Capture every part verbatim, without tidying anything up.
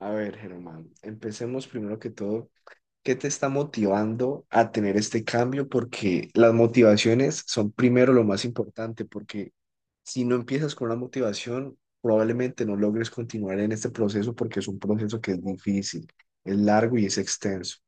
A ver, Germán, empecemos primero que todo. ¿Qué te está motivando a tener este cambio? Porque las motivaciones son primero lo más importante, porque si no empiezas con una motivación, probablemente no logres continuar en este proceso porque es un proceso que es difícil, es largo y es extenso.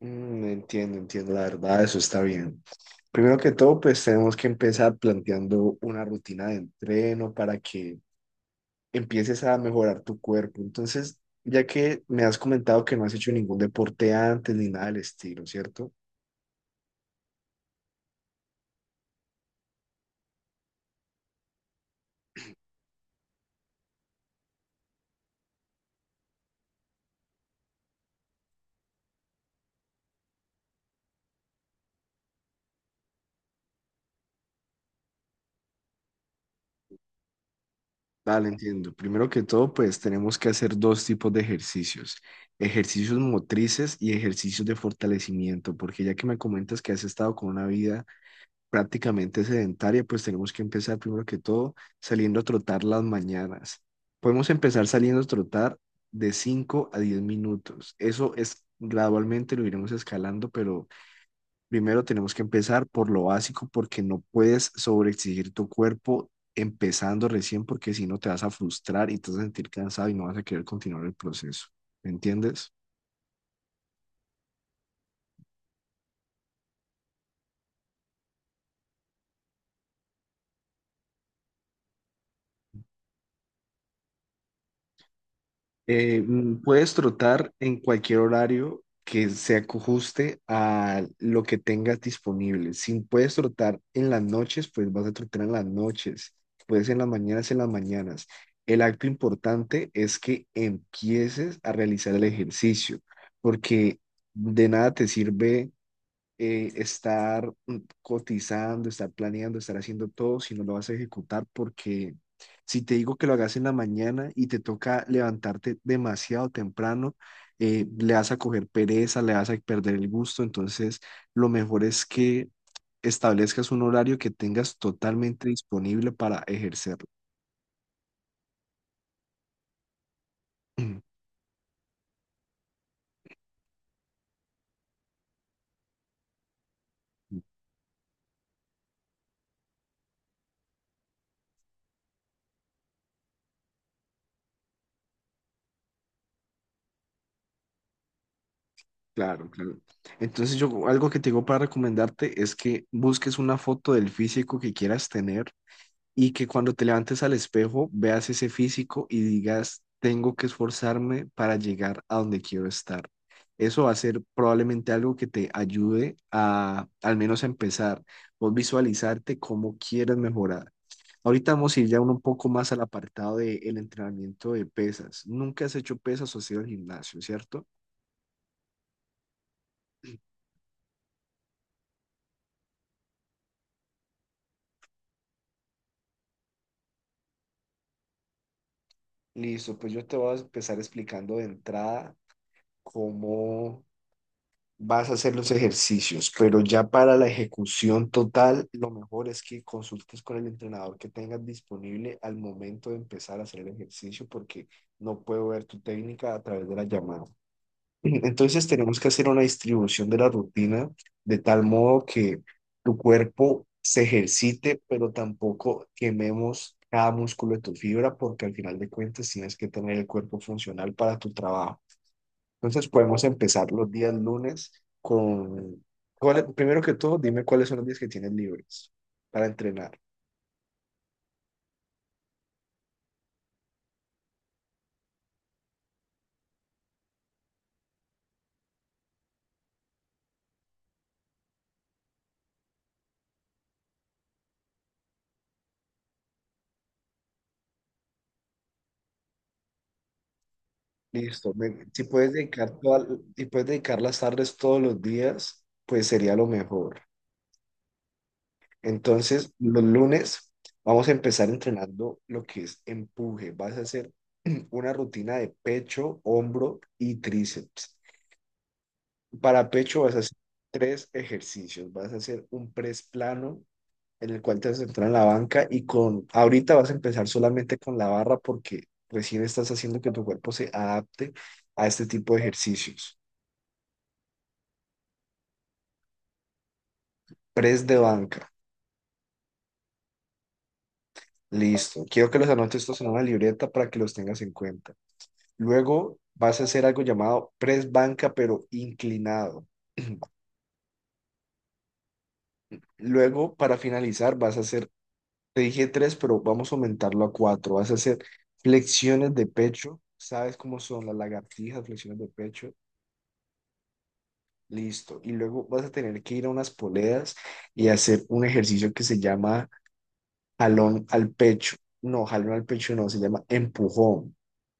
Mm, entiendo, entiendo, la verdad, eso está bien. Primero que todo, pues tenemos que empezar planteando una rutina de entreno para que empieces a mejorar tu cuerpo. Entonces, ya que me has comentado que no has hecho ningún deporte antes ni nada del estilo, ¿cierto? Vale, entiendo. Primero que todo, pues tenemos que hacer dos tipos de ejercicios, ejercicios motrices y ejercicios de fortalecimiento, porque ya que me comentas que has estado con una vida prácticamente sedentaria, pues tenemos que empezar primero que todo saliendo a trotar las mañanas. Podemos empezar saliendo a trotar de cinco a diez minutos. Eso es gradualmente lo iremos escalando, pero primero tenemos que empezar por lo básico porque no puedes sobreexigir tu cuerpo empezando recién porque si no te vas a frustrar y te vas a sentir cansado y no vas a querer continuar el proceso. ¿Me entiendes? Eh, mm, puedes trotar en cualquier horario que se ajuste a lo que tengas disponible. Si puedes trotar en las noches, pues vas a trotar en las noches. Puedes en las mañanas, en las mañanas. El acto importante es que empieces a realizar el ejercicio, porque de nada te sirve eh, estar mm, cotizando, estar planeando, estar haciendo todo, si no lo vas a ejecutar, porque si te digo que lo hagas en la mañana y te toca levantarte demasiado temprano, eh, le vas a coger pereza, le vas a perder el gusto, entonces lo mejor es que establezcas un horario que tengas totalmente disponible para ejercerlo. Mm. Claro, claro. Entonces yo algo que te digo para recomendarte es que busques una foto del físico que quieras tener y que cuando te levantes al espejo veas ese físico y digas, tengo que esforzarme para llegar a donde quiero estar. Eso va a ser probablemente algo que te ayude a al menos a empezar, vos visualizarte cómo quieres mejorar. Ahorita vamos a ir ya uno un poco más al apartado del entrenamiento de pesas. Nunca has hecho pesas o has ido al gimnasio, ¿cierto? Listo, pues yo te voy a empezar explicando de entrada cómo vas a hacer los ejercicios, pero ya para la ejecución total, lo mejor es que consultes con el entrenador que tengas disponible al momento de empezar a hacer el ejercicio, porque no puedo ver tu técnica a través de la llamada. Entonces tenemos que hacer una distribución de la rutina de tal modo que tu cuerpo se ejercite, pero tampoco quememos cada músculo de tu fibra, porque al final de cuentas tienes que tener el cuerpo funcional para tu trabajo. Entonces podemos empezar los días lunes con, ¿cuál es- primero que todo, dime cuáles son los días que tienes libres para entrenar. Listo. Me- si puedes dedicar toda- si puedes dedicar las tardes todos los días, pues sería lo mejor. Entonces, los lunes vamos a empezar entrenando lo que es empuje. Vas a hacer una rutina de pecho, hombro y tríceps. Para pecho vas a hacer tres ejercicios. Vas a hacer un press plano en el cual te vas a centrar en la banca y con, ahorita vas a empezar solamente con la barra porque recién estás haciendo que tu cuerpo se adapte a este tipo de ejercicios. Press de banca, listo. Quiero que los anotes estos en una libreta para que los tengas en cuenta. Luego vas a hacer algo llamado press banca, pero inclinado. Luego, para finalizar, vas a hacer, te dije tres, pero vamos a aumentarlo a cuatro. Vas a hacer flexiones de pecho. ¿Sabes cómo son las lagartijas, flexiones de pecho? Listo. Y luego vas a tener que ir a unas poleas y hacer un ejercicio que se llama jalón al pecho. No, jalón al pecho no, se llama empujón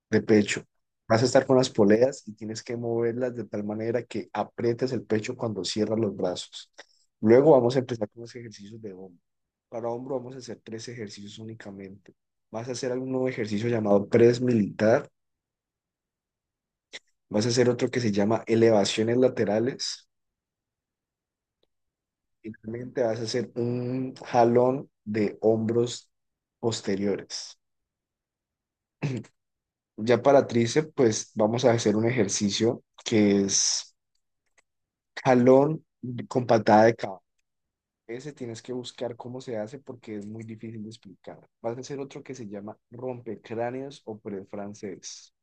de pecho. Vas a estar con las poleas y tienes que moverlas de tal manera que aprietes el pecho cuando cierras los brazos. Luego vamos a empezar con los ejercicios de hombro. Para hombro vamos a hacer tres ejercicios únicamente. Vas a hacer algún nuevo ejercicio llamado press militar. Vas a hacer otro que se llama elevaciones laterales. Finalmente vas a hacer un jalón de hombros posteriores. Ya para tríceps, pues vamos a hacer un ejercicio que es jalón con patada de cabo. Ese tienes que buscar cómo se hace porque es muy difícil de explicar. Vas a hacer otro que se llama rompecráneos o pre francés.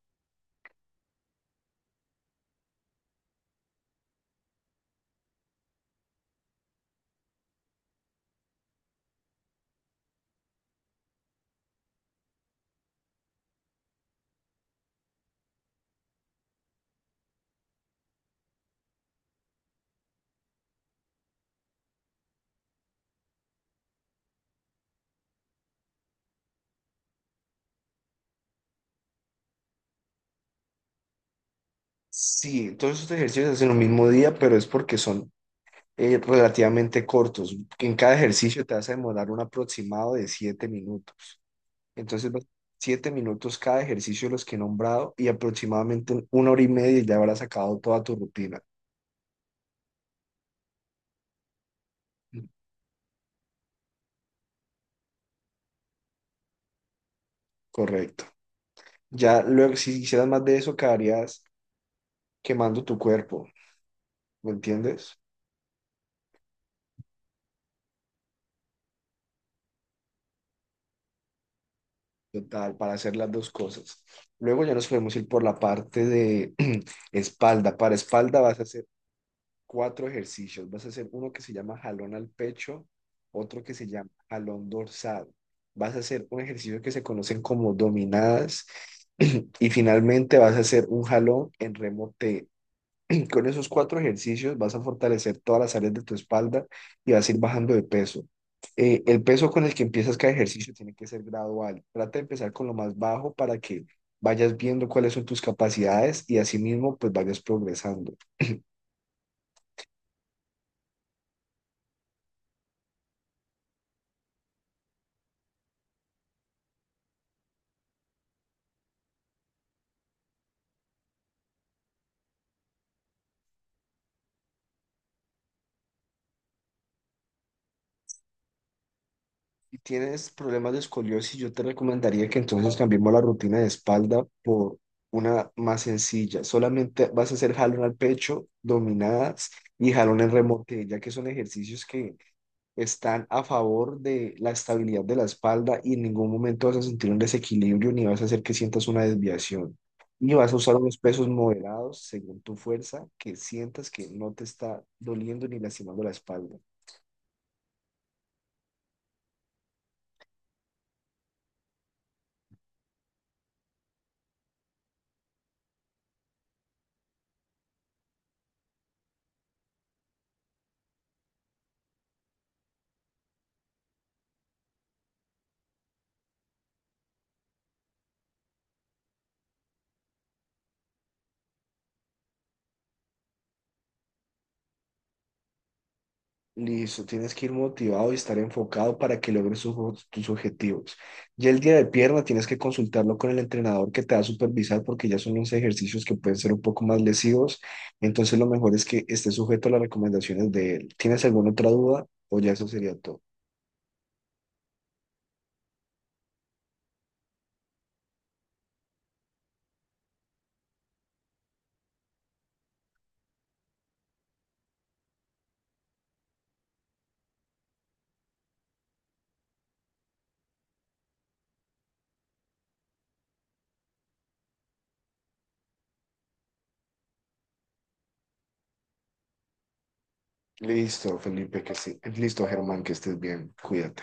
Sí, todos estos ejercicios se hacen el mismo día, pero es porque son eh, relativamente cortos. En cada ejercicio te vas a demorar un aproximado de siete minutos. Entonces, los siete minutos cada ejercicio de los que he nombrado y aproximadamente en una hora y media ya habrás sacado toda tu rutina. Correcto. Ya luego, si hicieras más de eso, quedarías quemando tu cuerpo, ¿me entiendes? Total, para hacer las dos cosas. Luego ya nos podemos ir por la parte de espalda. Para espalda vas a hacer cuatro ejercicios. Vas a hacer uno que se llama jalón al pecho, otro que se llama jalón dorsal. Vas a hacer un ejercicio que se conocen como dominadas y finalmente vas a hacer un jalón en remo T. Con esos cuatro ejercicios vas a fortalecer todas las áreas de tu espalda y vas a ir bajando de peso. Eh, el peso con el que empiezas cada ejercicio tiene que ser gradual. Trata de empezar con lo más bajo para que vayas viendo cuáles son tus capacidades y asimismo pues vayas progresando. Si tienes problemas de escoliosis, yo te recomendaría que entonces cambiemos la rutina de espalda por una más sencilla. Solamente vas a hacer jalón al pecho, dominadas y jalón en remote, ya que son ejercicios que están a favor de la estabilidad de la espalda y en ningún momento vas a sentir un desequilibrio ni vas a hacer que sientas una desviación. Y vas a usar unos pesos moderados según tu fuerza, que sientas que no te está doliendo ni lastimando la espalda. Listo, tienes que ir motivado y estar enfocado para que logres sus o- tus objetivos. Y el día de pierna tienes que consultarlo con el entrenador que te va a supervisar porque ya son unos ejercicios que pueden ser un poco más lesivos. Entonces lo mejor es que estés sujeto a las recomendaciones de él. ¿Tienes alguna otra duda o ya eso sería todo? Listo, Felipe, que sí. Listo, Germán, que estés bien. Cuídate.